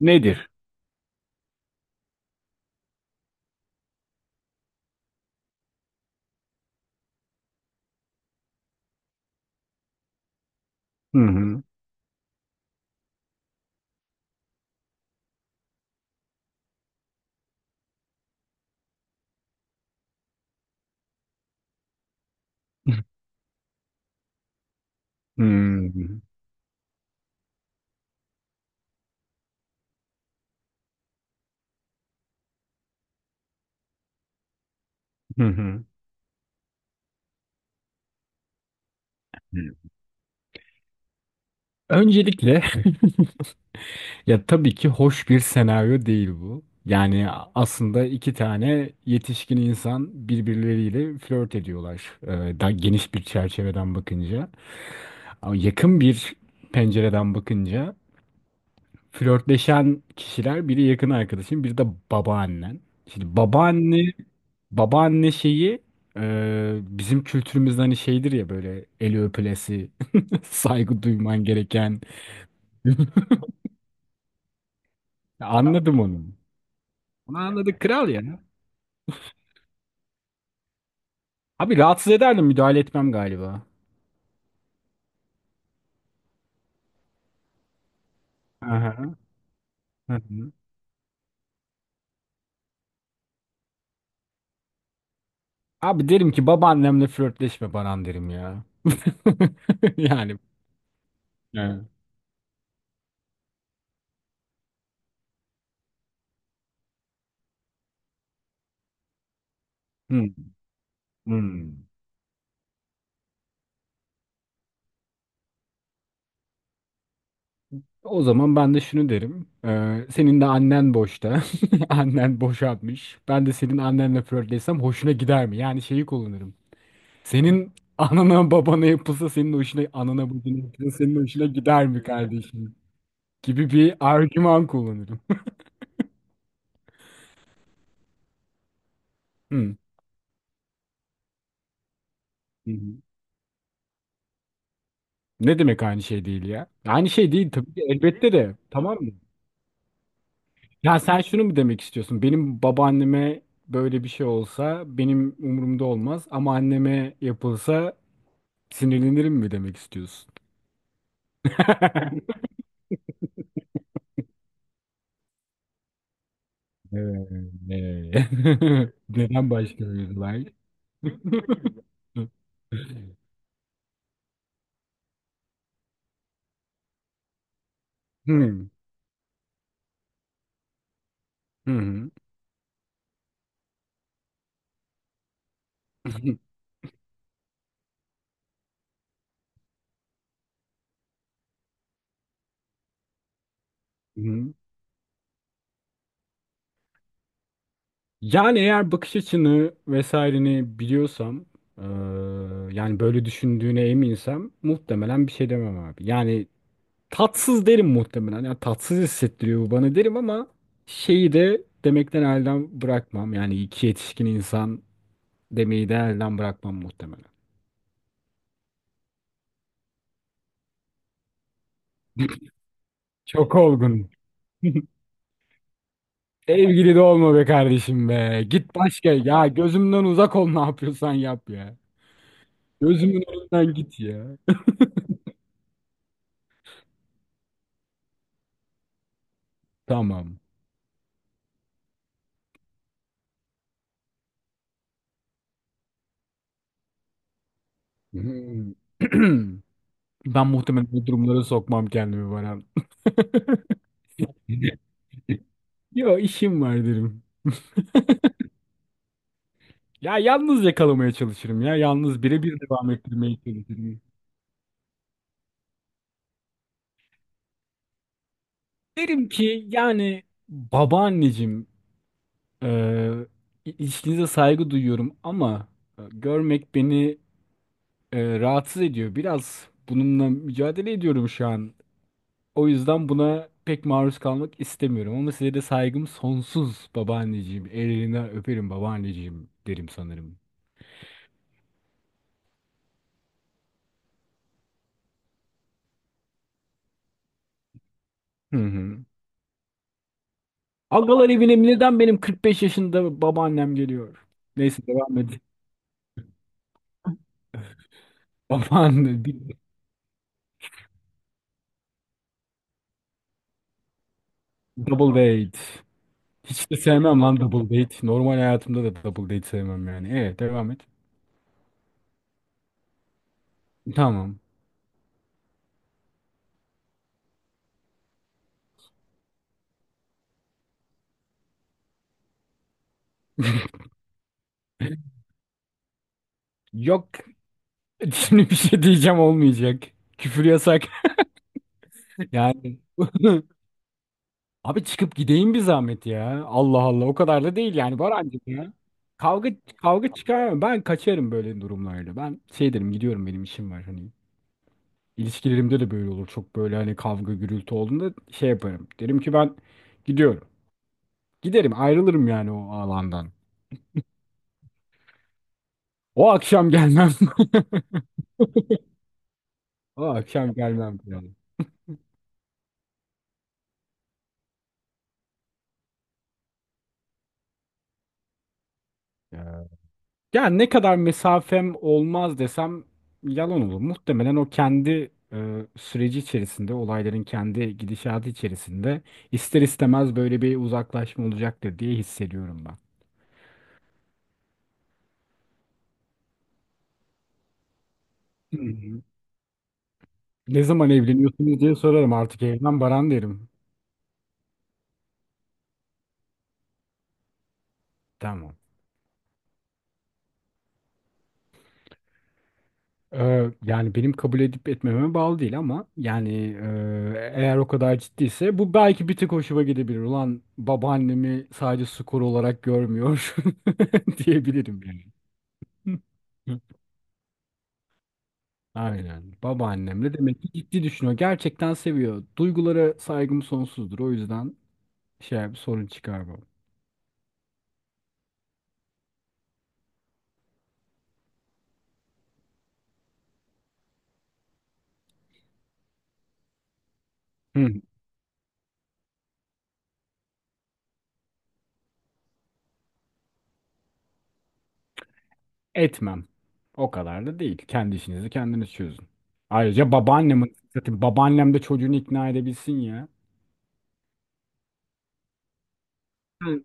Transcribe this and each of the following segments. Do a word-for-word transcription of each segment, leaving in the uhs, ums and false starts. Nedir? Hı hı. Hı hı. Hı. Öncelikle ya tabii ki hoş bir senaryo değil bu. Yani aslında iki tane yetişkin insan birbirleriyle flört ediyorlar. Ee, daha geniş bir çerçeveden bakınca. Ama yakın bir pencereden bakınca flörtleşen kişiler biri yakın arkadaşın, biri de babaannen. Şimdi babaanne babaanne şeyi e, bizim kültürümüzde hani şeydir ya böyle eli öpülesi, saygı duyman gereken. Ya anladım onu. Onu anladık kral ya. Abi rahatsız ederdim müdahale etmem galiba. Aha, hı hı. Abi derim ki babaannemle flörtleşme Baran derim ya. Yani. Yani. Hı, hı. O zaman ben de şunu derim. E, senin de annen boşta. Annen boşanmış. Ben de senin annenle flörtleşsem hoşuna gider mi? Yani şeyi kullanırım. Senin anana babana yapılsa senin hoşuna, Anana babana yapılsa senin hoşuna gider mi kardeşim? Gibi bir argüman kullanırım. Hı. Hı hı. Ne demek aynı şey değil ya? Aynı şey değil tabii ki elbette de. Tamam mı? Ya sen şunu mu demek istiyorsun? Benim babaanneme böyle bir şey olsa benim umurumda olmaz ama anneme yapılsa sinirlenirim mi demek istiyorsun? Evet. Neden başka bir like? Hmm. Hı hı. Hı hı. Yani eğer bakış açını vesaireni biliyorsam, eee, yani böyle düşündüğüne eminsem muhtemelen bir şey demem abi. Yani tatsız derim muhtemelen. Yani tatsız hissettiriyor bu bana derim ama şeyi de demekten elden bırakmam. Yani iki yetişkin insan demeyi de elden bırakmam muhtemelen. Çok olgun. Sevgili de olma be kardeşim be. Git başka. Ya gözümden uzak ol ne yapıyorsan yap ya. Gözümün önünden git ya. Tamam. Hmm. Ben muhtemelen bu durumlara sokmam kendimi Baran. Yo işim var derim. Ya yalnız yakalamaya çalışırım ya. Yalnız birebir devam ettirmeye çalışırım. Derim ki yani babaanneciğim, e, ilişkinize saygı duyuyorum ama e, görmek beni e, rahatsız ediyor. Biraz bununla mücadele ediyorum şu an. O yüzden buna pek maruz kalmak istemiyorum ama size de saygım sonsuz babaanneciğim. Ellerinden öperim babaanneciğim derim sanırım. Hı hı. Agalar evine neden benim kırk beş yaşında babaannem geliyor? Neyse devam edin. Babaanne bir double date. Hiç de sevmem lan double date. Normal hayatımda da double date sevmem yani. Evet devam et. Tamam. Yok şimdi bir şey diyeceğim olmayacak. Küfür yasak. Yani. Abi çıkıp gideyim bir zahmet ya. Allah Allah o kadar da değil yani Barancık ya. Kavga kavga çıkar. Ben kaçarım böyle durumlarda. Ben şey derim gidiyorum benim işim var hani. İlişkilerimde de böyle olur. Çok böyle hani kavga gürültü olduğunda şey yaparım. Derim ki ben gidiyorum. Giderim ayrılırım yani o alandan. O akşam gelmem. O akşam gelmem yani. Yani ne kadar mesafem olmaz desem yalan olur. Muhtemelen o kendi e, süreci içerisinde, olayların kendi gidişatı içerisinde ister istemez böyle bir uzaklaşma olacaktır diye hissediyorum ben. Hı hı. Ne zaman evleniyorsunuz diye sorarım artık evden Baran derim. Tamam. Ee, yani benim kabul edip etmememe bağlı değil ama yani e, eğer o kadar ciddiyse bu belki bir tık hoşuma gidebilir. Ulan babaannemi sadece skor olarak görmüyor diyebilirim yani. Hı. Aynen. Babaannemle demek ki ciddi düşünüyor. Gerçekten seviyor. Duygulara saygım sonsuzdur. O yüzden şey bir sorun çıkarmam. Hı. Etmem. O kadar da değil. Kendi işinizi kendiniz çözün. Ayrıca babaannemin zaten babaannem de çocuğunu ikna edebilsin ya. Hı.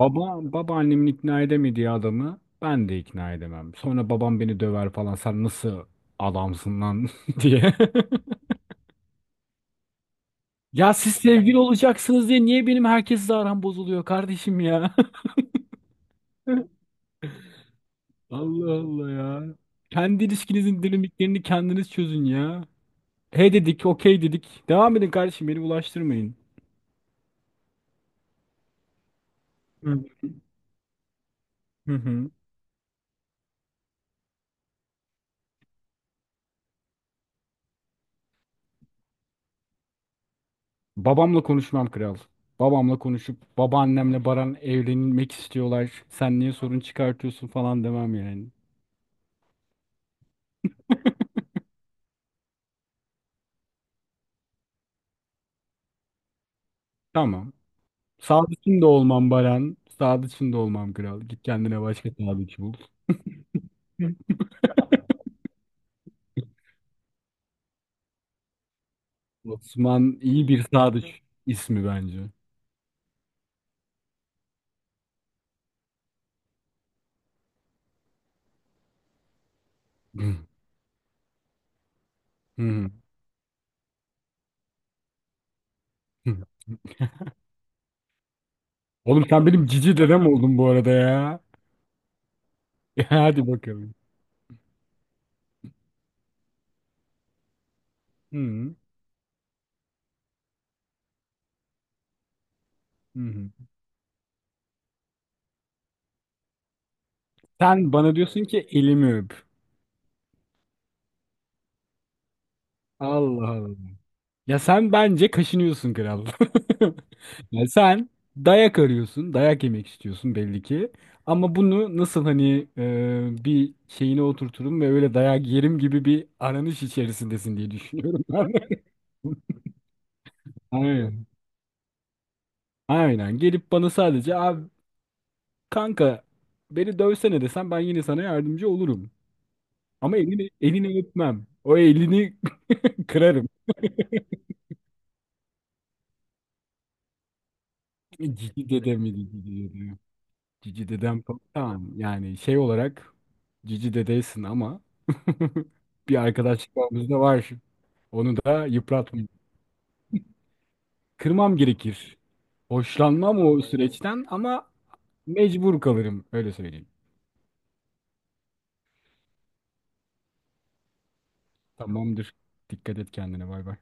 Baba babaannemin ikna edemediği adamı ben de ikna edemem. Sonra babam beni döver falan. Sen nasıl adamsın lan diye. Ya siz sevgili olacaksınız diye niye benim herkesle aram bozuluyor kardeşim ya? Allah Allah ya. Kendi ilişkinizin dinamiklerini kendiniz çözün ya. He dedik, okey dedik. Devam edin kardeşim, beni bulaştırmayın. Hı. Hı hı. Babamla konuşmam kral. Babamla konuşup babaannemle Baran evlenmek istiyorlar. Sen niye sorun çıkartıyorsun falan demem yani. Tamam. Sadıçın da olmam Baran. Sadıçın da olmam kral. Git kendine başka sadıç bul. Hı. Osman iyi bir sadıç ismi bence. Hı hı. Hı. Oğlum sen benim cici dedem oldun bu arada ya. Ya hadi bakalım. Hı hı. Hı. Sen bana diyorsun ki elimi öp. Allah Allah. Ya sen bence kaşınıyorsun kral. Ya sen dayak arıyorsun, dayak yemek istiyorsun belli ki. Ama bunu nasıl hani e, bir şeyine oturturum ve öyle dayak yerim gibi bir aranış içerisindesin diye düşünüyorum ben. Aynen. Aynen. Gelip bana sadece abi kanka beni dövsene desem ben yine sana yardımcı olurum. Ama elini elini öpmem. O elini kırarım. Cici dedem mi dedi, cici dedem. Cici dedem falan. Tamam yani şey olarak cici dedeysin ama bir arkadaşlık bağımız da var. Onu da yıpratmayayım. Kırmam gerekir. Hoşlanmam o süreçten ama mecbur kalırım öyle söyleyeyim. Tamamdır. Dikkat et kendine bay bay.